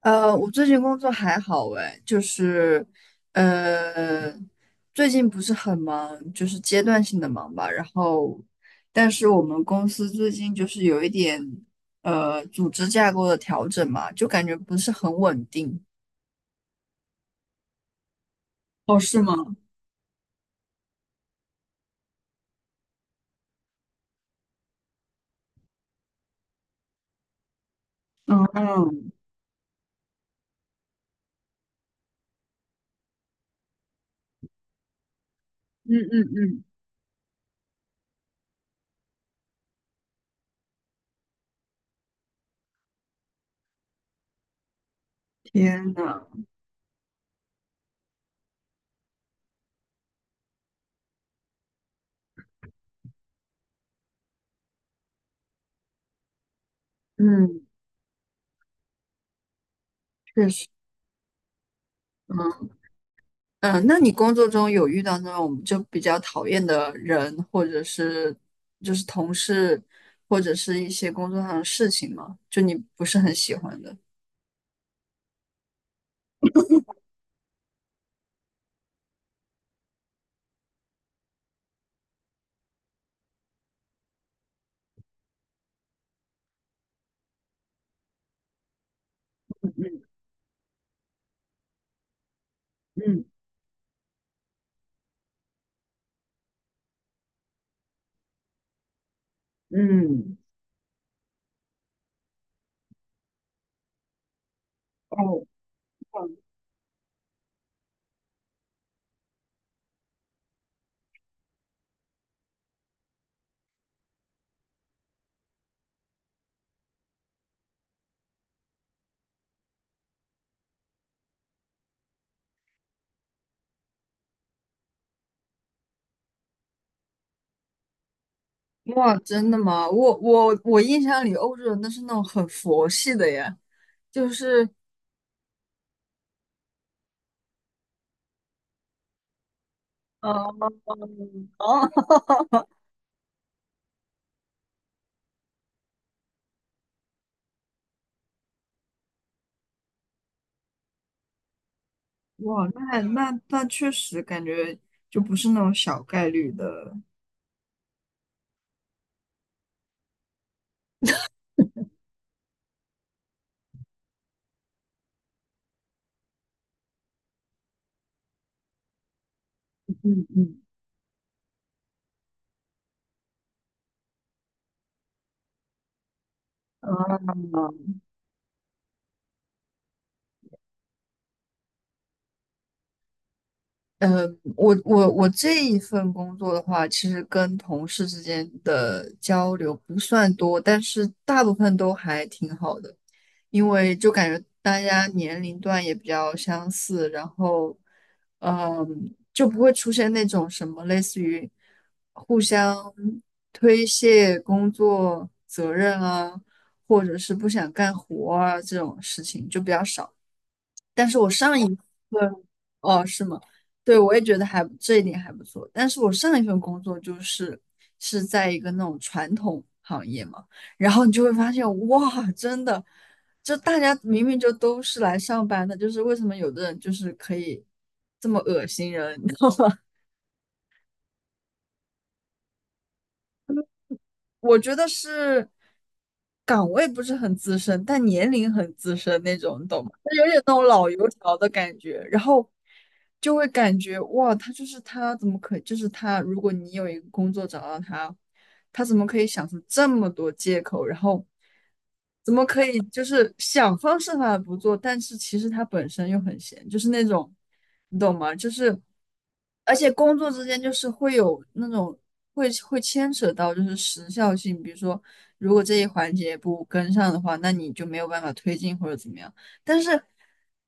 我最近工作还好诶，就是，呃，最近不是很忙，就是阶段性的忙吧。然后，但是我们公司最近就是有一点，组织架构的调整嘛，就感觉不是很稳定。哦，是吗？嗯嗯嗯嗯嗯，天呐，嗯，确实，嗯，那你工作中有遇到那种就比较讨厌的人，或者是就是同事，或者是一些工作上的事情吗？就你不是很喜欢的？嗯嗯，哦，嗯。哇，真的吗？我印象里欧洲人都是那种很佛系的呀，就是嗯哦，哇，那确实感觉就不是那种小概率的。嗯嗯，啊。呃，我这一份工作的话，其实跟同事之间的交流不算多，但是大部分都还挺好的，因为就感觉大家年龄段也比较相似，然后，嗯，就不会出现那种什么类似于互相推卸工作责任啊，或者是不想干活啊这种事情就比较少。但是我上一份，哦，是吗？对，我也觉得还这一点还不错。但是我上一份工作就是在一个那种传统行业嘛，然后你就会发现，哇，真的，就大家明明就都是来上班的，就是为什么有的人就是可以这么恶心人？我觉得是岗位不是很资深，但年龄很资深那种，你懂吗？他有点那种老油条的感觉，然后就会感觉哇，他就是他怎么可以就是他，如果你有一个工作找到他，他怎么可以想出这么多借口？然后怎么可以就是想方设法不做，但是其实他本身又很闲，就是那种，你懂吗？就是，而且工作之间就是会有那种会牵扯到就是时效性，比如说如果这一环节不跟上的话，那你就没有办法推进或者怎么样。但是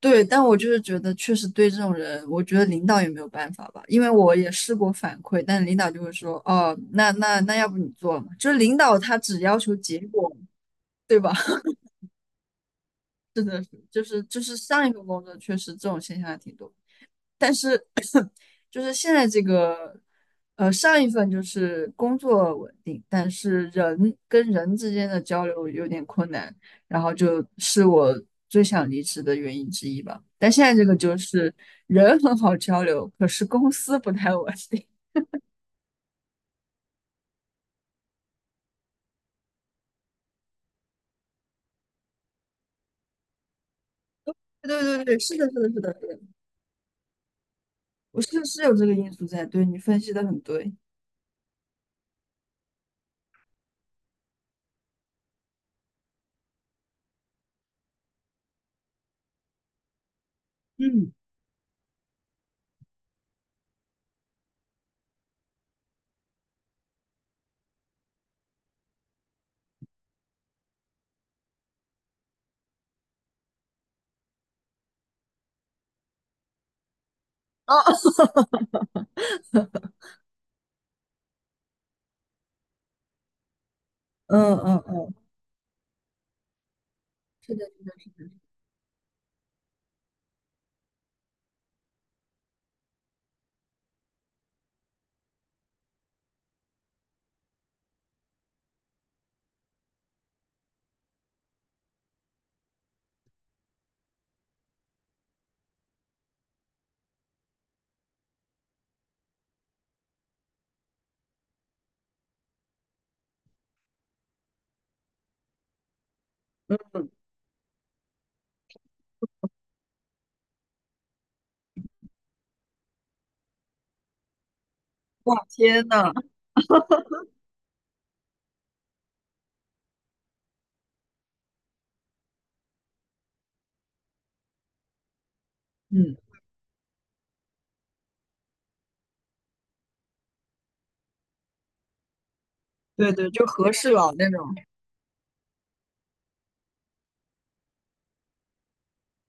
对，但我就是觉得确实对这种人，我觉得领导也没有办法吧，因为我也试过反馈，但领导就会说，哦，那要不你做嘛，就是领导他只要求结果，对吧？就是上一份工作确实这种现象还挺多，但是就是现在这个，上一份就是工作稳定，但是人跟人之间的交流有点困难，然后就是我最想离职的原因之一吧。但现在这个就是人很好交流，可是公司不太稳定。对对对，是的，是的，是的，我是有这个因素在，对你分析的很对。啊哈哈，嗯嗯嗯，哇，天呐，嗯，对对，就合适了那种。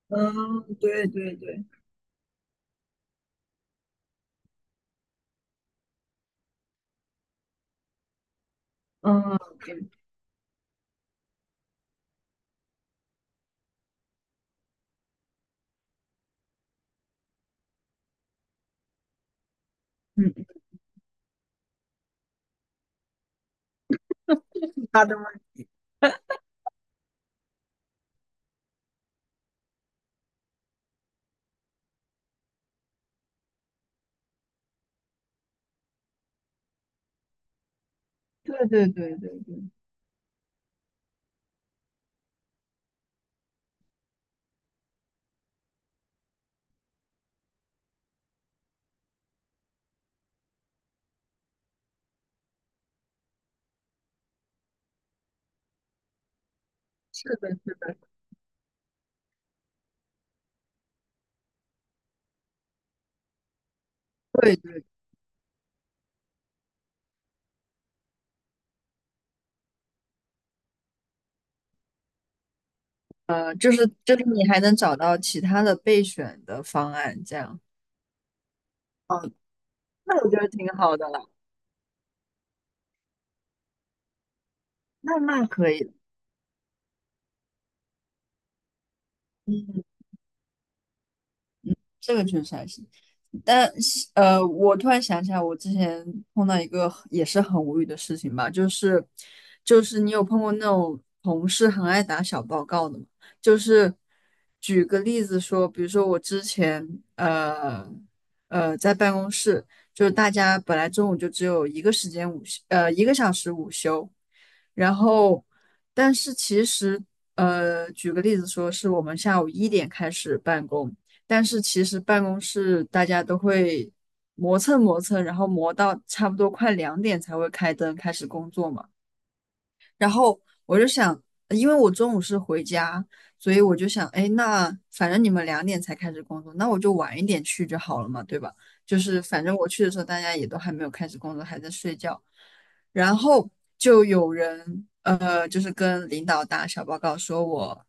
嗯，对对对，嗯，对，嗯，好的吗？对对对对对，是的，是的，对对的，就是你还能找到其他的备选的方案，这样，哦，那我觉得挺好的了，那可以，嗯。这个确实还行。但我突然想起来，我之前碰到一个也是很无语的事情吧，就是你有碰过那种同事很爱打小报告的吗？就是举个例子说，比如说我之前呃在办公室，就是大家本来中午就只有一个时间午休，呃一个小时午休，然后但是其实举个例子说，是我们下午一点开始办公。但是其实办公室大家都会磨蹭磨蹭，然后磨到差不多快两点才会开灯开始工作嘛。然后我就想，因为我中午是回家，所以我就想，哎，那反正你们两点才开始工作，那我就晚一点去就好了嘛，对吧？就是反正我去的时候，大家也都还没有开始工作，还在睡觉。然后就有人，就是跟领导打小报告，说我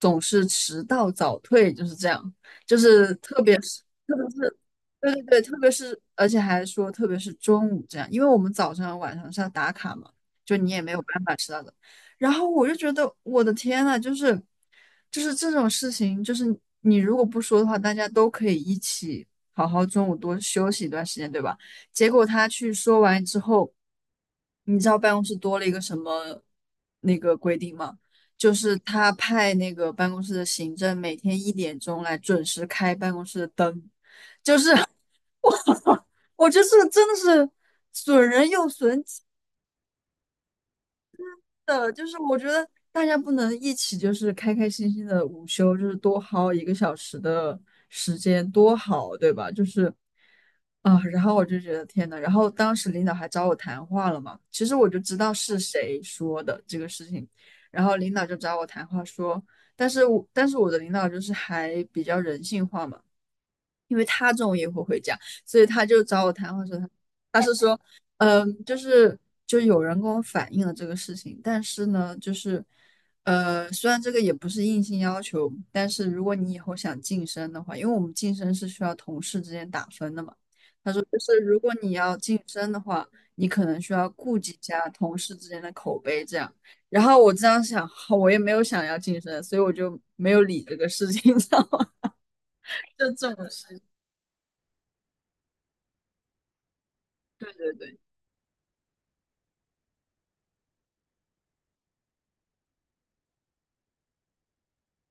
总是迟到早退，就是这样，就是特别是对对对，特别是而且还说特别是中午这样，因为我们早上晚上是要打卡嘛。就你也没有办法知道的。然后我就觉得我的天呐，就是这种事情，就是你如果不说的话，大家都可以一起好好中午多休息一段时间，对吧？结果他去说完之后，你知道办公室多了一个什么那个规定吗？就是他派那个办公室的行政每天1点钟来准时开办公室的灯。我觉得这个真的是损人又损己。的，就是我觉得大家不能一起就是开开心心的午休，就是多薅一个小时的时间，多好，对吧？就是啊，然后我就觉得天呐，然后当时领导还找我谈话了嘛，其实我就知道是谁说的这个事情，然后领导就找我谈话说，但是我的领导就是还比较人性化嘛。因为他中午也会回家，所以他就找我谈话说他，他是说，嗯，就是就有人跟我反映了这个事情，但是呢，就是虽然这个也不是硬性要求，但是如果你以后想晋升的话，因为我们晋升是需要同事之间打分的嘛，他说就是如果你要晋升的话，你可能需要顾及一下同事之间的口碑这样。然后我这样想，好我也没有想要晋升，所以我就没有理这个事情，你知道吗？就这种事情，对对对。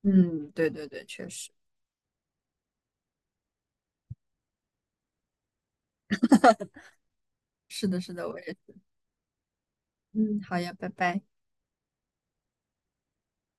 嗯，对对对，确实是的，是的，我也是。嗯，好呀，拜拜。